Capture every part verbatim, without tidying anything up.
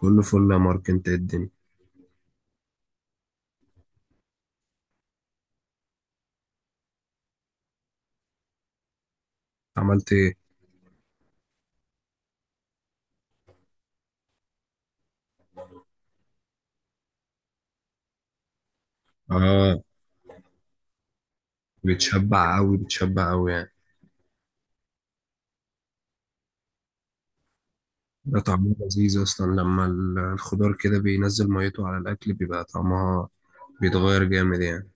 كله فل يا مارك، انت ايه الدنيا؟ عملت ايه؟ اه، بتشبع قوي بتشبع قوي يعني. ده طعمه لذيذ اصلا لما ال- الخضار كده بينزل ميته على الاكل بيبقى طعمها بيتغير جامد يعني.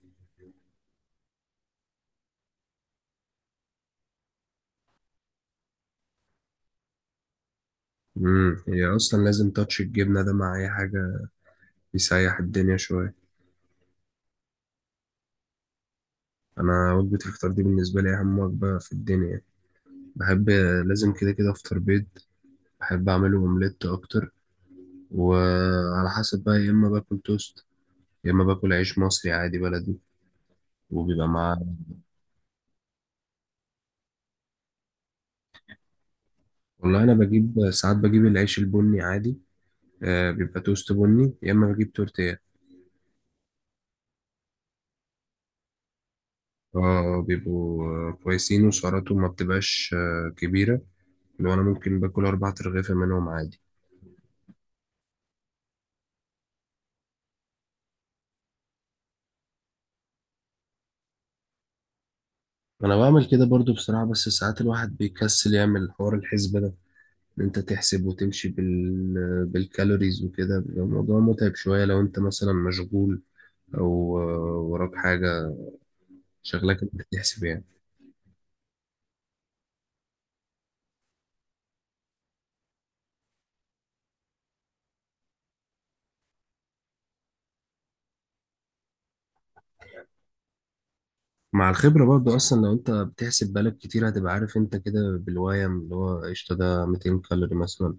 امم هي اصلا لازم تاتش الجبنه ده مع اي حاجه، يسيح الدنيا شويه. انا وجبه الفطار دي بالنسبه لي اهم وجبه في الدنيا. بحب، لازم كده كده افطر بيض. بحب اعمله اومليت اكتر، وعلى حسب بقى، يا اما باكل توست يا اما باكل عيش مصري عادي بلدي، وبيبقى معاه. والله انا بجيب، ساعات بجيب العيش البني عادي. آه، بيبقى توست بني يا اما بجيب تورتيه. اه، بيبقوا كويسين وسعراتهم ما بتبقاش آه كبيره. لو انا ممكن باكل اربع ترغيفه منهم عادي. انا بعمل كده برضو بصراحه، بس ساعات الواحد بيكسل يعمل حوار الحسبه ده، ان انت تحسب وتمشي بال... بالكالوريز وكده بيبقى الموضوع متعب شويه لو انت مثلا مشغول او آه، وراك حاجه، شغلك انك تحسب يعني. مع الخبرة برضو أصلا لو أنت بتحسب بالك كتير هتبقى عارف أنت كده بالويم اللي هو قشطة ده مئتين كالوري مثلا.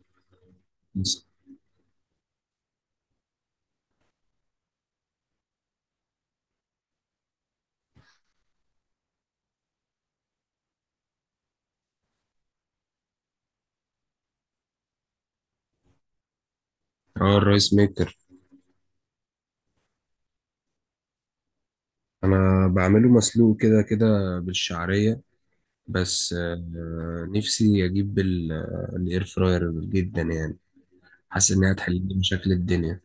اه، الرايس ميكر. أنا بعمله مسلوق كده كده بالشعرية. بس آه، نفسي أجيب ال- الإير فراير جدا يعني، حاسس إنها هتحل لي مشاكل الدنيا.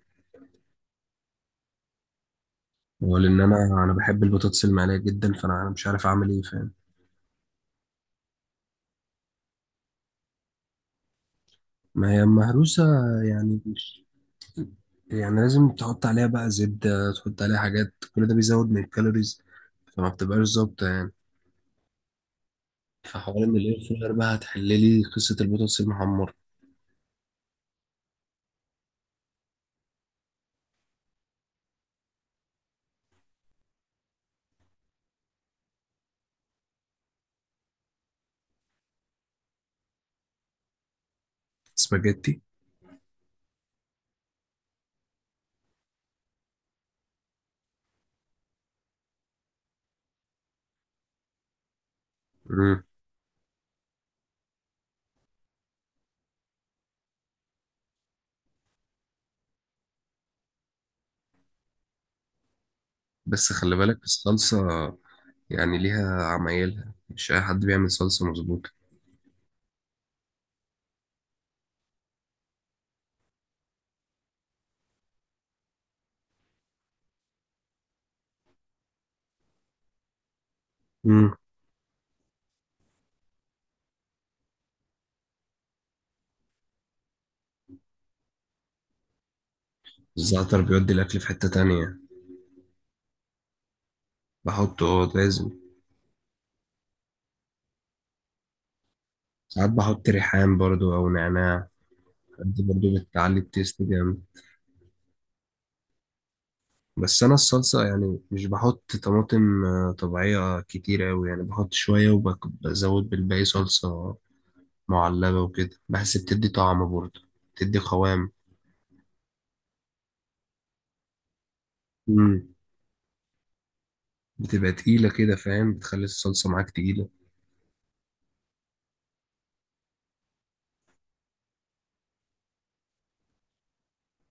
ولأن أنا أنا بحب البطاطس المقلية جدا، فأنا أنا مش عارف أعمل إيه، فاهم؟ ما هي مهروسة يعني يعني لازم تحط عليها بقى زبدة، تحط عليها حاجات، كل ده بيزود من الكالوريز، فما بتبقاش ظابطة يعني. فحوار ان الاير فراير بقى هتحللي قصة البطاطس المحمرة. سباجيتي. مم. بس خلي بالك الصلصة يعني ليها عمايلها، مش أي حد بيعمل صلصة مظبوطة. مم. الزعتر بيودي الأكل في حتة تانية. بحطه اه، لازم. ساعات بحط ريحان برضو أو نعناع، دي برضو بتعلي التيست جامد. بس انا الصلصه يعني مش بحط طماطم آه، طبيعيه كتير قوي يعني، بحط شويه وبزود بالباقي صلصه معلبه وكده، بحس بتدي طعم برضه، بتدي قوام. مم. بتبقى تقيله كده، فاهم؟ بتخلي الصلصه معاك تقيله.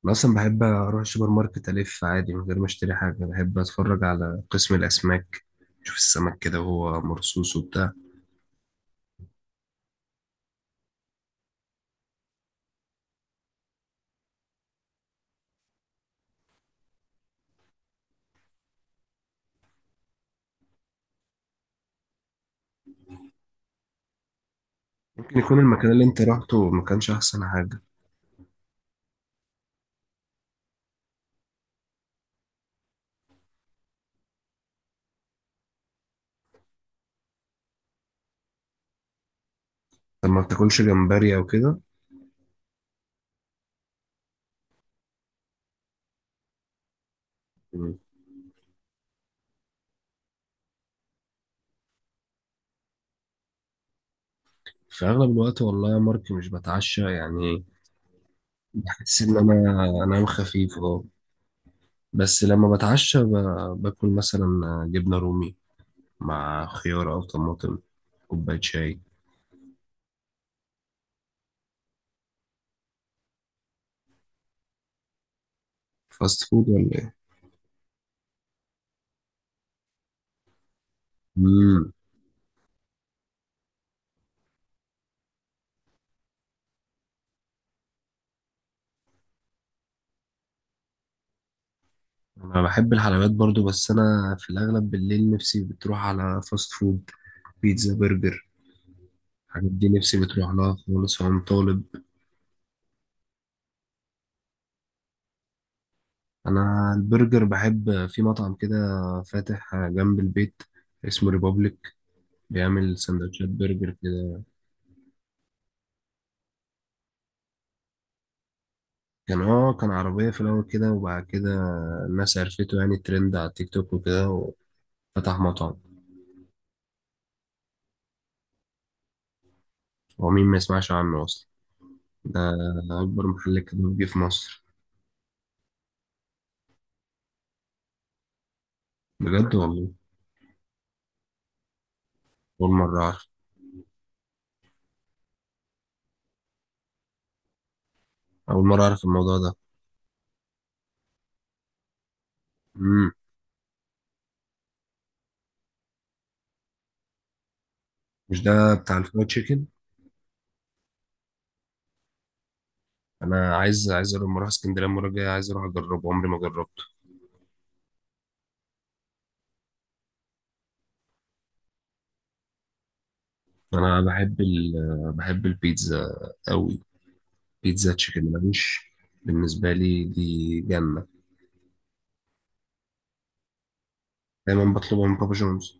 انا اصلا بحب اروح السوبر ماركت الف عادي من غير ما اشتري حاجه، بحب اتفرج على قسم الاسماك، اشوف السمك كده وهو مرصوص وبتاع. ممكن يكون المكان اللي انت رحته ما كانش احسن حاجه. طب ما بتاكلش جمبري او كده؟ في أغلب الوقت والله يا مارك مش بتعشى يعني. بحس إن أنا أنام خفيف، أه. بس لما بتعشى ب... باكل مثلا جبنة رومي مع خيار أو طماطم، كوباية شاي. فاست فود ولا ايه؟ مم. أنا بحب الحلويات برضو، بس أنا في الأغلب بالليل نفسي بتروح على فاست فود، بيتزا، برجر. الحاجات دي نفسي بتروح لها خالص وأنا طالب. أنا البرجر بحب في مطعم كده فاتح جنب البيت، اسمه ريبابليك، بيعمل سندوتشات برجر كده. كان اه، كان عربية في الأول كده، وبعد كده الناس عرفته يعني، ترند على التيك توك وكده، وفتح مطعم. هو مين ما يسمعش عنه أصلا؟ ده أكبر محل كبابجي في مصر. بجد والله؟ أول مرة أعرف. أول مرة أعرف الموضوع ده. مم. مش ده بتاع الفرايد تشيكن؟ أنا عايز عايز لما أروح اسكندرية المرة الجاية، عايز أروح أجربه، عمري ما جربته. أنا بحب ال بحب البيتزا أوي. بيتزا تشيكن مالوش، بالنسبة لي دي جنة. دايما بطلبها من بابا جونز.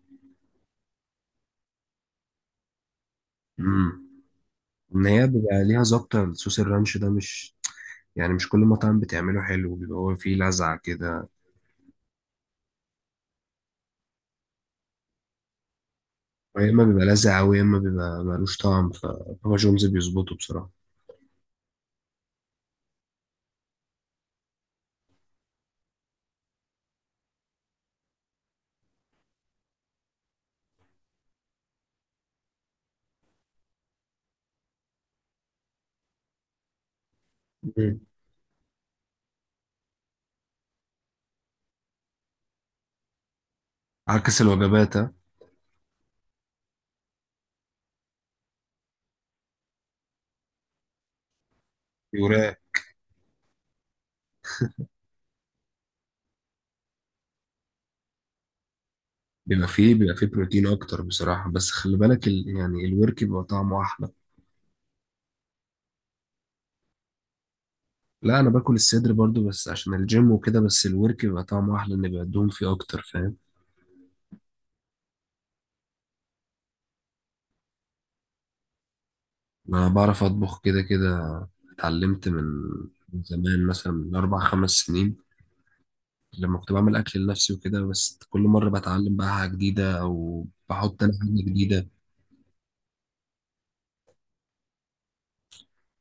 امم ان هي بيبقى ليها ظابطه، الصوص الرانش ده مش، يعني مش كل مطعم بتعمله حلو، بيبقى هو فيه لذعه كده. يا اما بيبقى لذع قوي، يا اما بيبقى ملوش طعم. فبابا جونز بيظبطه بصراحه. مم. عكس الوجبات، ها؟ يوراه. بيبقى فيه بيبقى فيه بروتين اكتر بصراحه، بس خلي بالك ال... يعني الورك بيبقى طعمه احلى. لا، انا باكل الصدر برضو بس عشان الجيم وكده، بس الورك بيبقى طعمه احلى، ان بيبقى الدهون فيه اكتر، فاهم؟ انا بعرف اطبخ كده كده. اتعلمت من، من زمان، مثلا من اربع خمس سنين لما كنت بعمل أكل لنفسي وكده، بس كل مرة بتعلم بقى حاجة جديدة أو بحط أنا حاجة جديدة.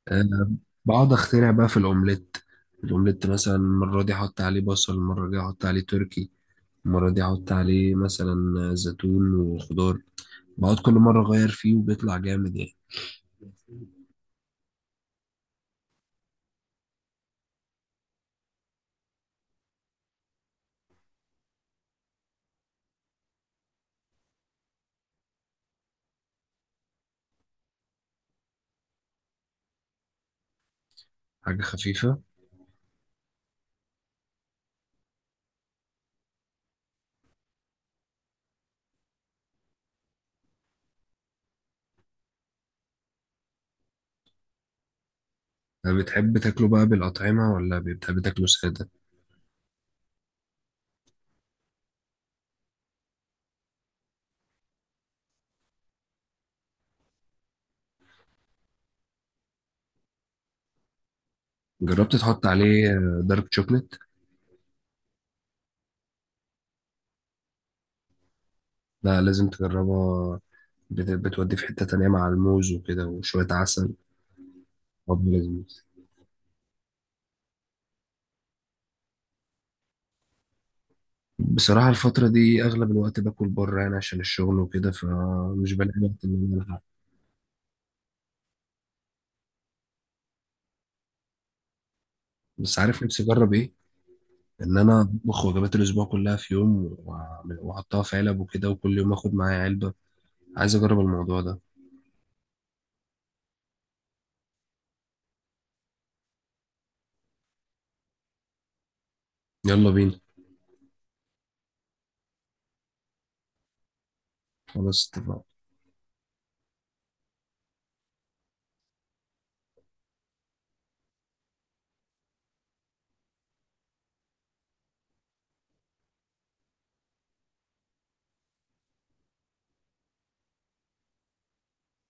أه. بقعد أخترع بقى في الأومليت. الأومليت مثلا المرة دي أحط عليه بصل، المرة دي أحط عليه تركي، المرة دي أحط عليه مثلا زيتون وخضار، بقعد كل مرة أغير فيه وبيطلع جامد يعني. حاجة خفيفة. أه، بتحب تاكله بقى بالأطعمة ولا بتحب تاكله سادة؟ جربت تحط عليه آه، دارك شوكليت؟ لا، لازم تجربها. بت- بتودي في حتة تانية مع الموز وكده وشوية عسل. طب لذيذ. بصراحة الفترة دي أغلب الوقت باكل بره يعني عشان الشغل وكده، فمش بلاقي وقت إن أنا ألحق. بس عارف نفسي أجرب إيه؟ إن أنا أطبخ وجبات الأسبوع كلها في يوم، وأعمل- وأحطها في علب وكده، وكل يوم آخد معايا علبة. عايز أجرب الموضوع ده. يلا بينا. خلاص، اتفقنا.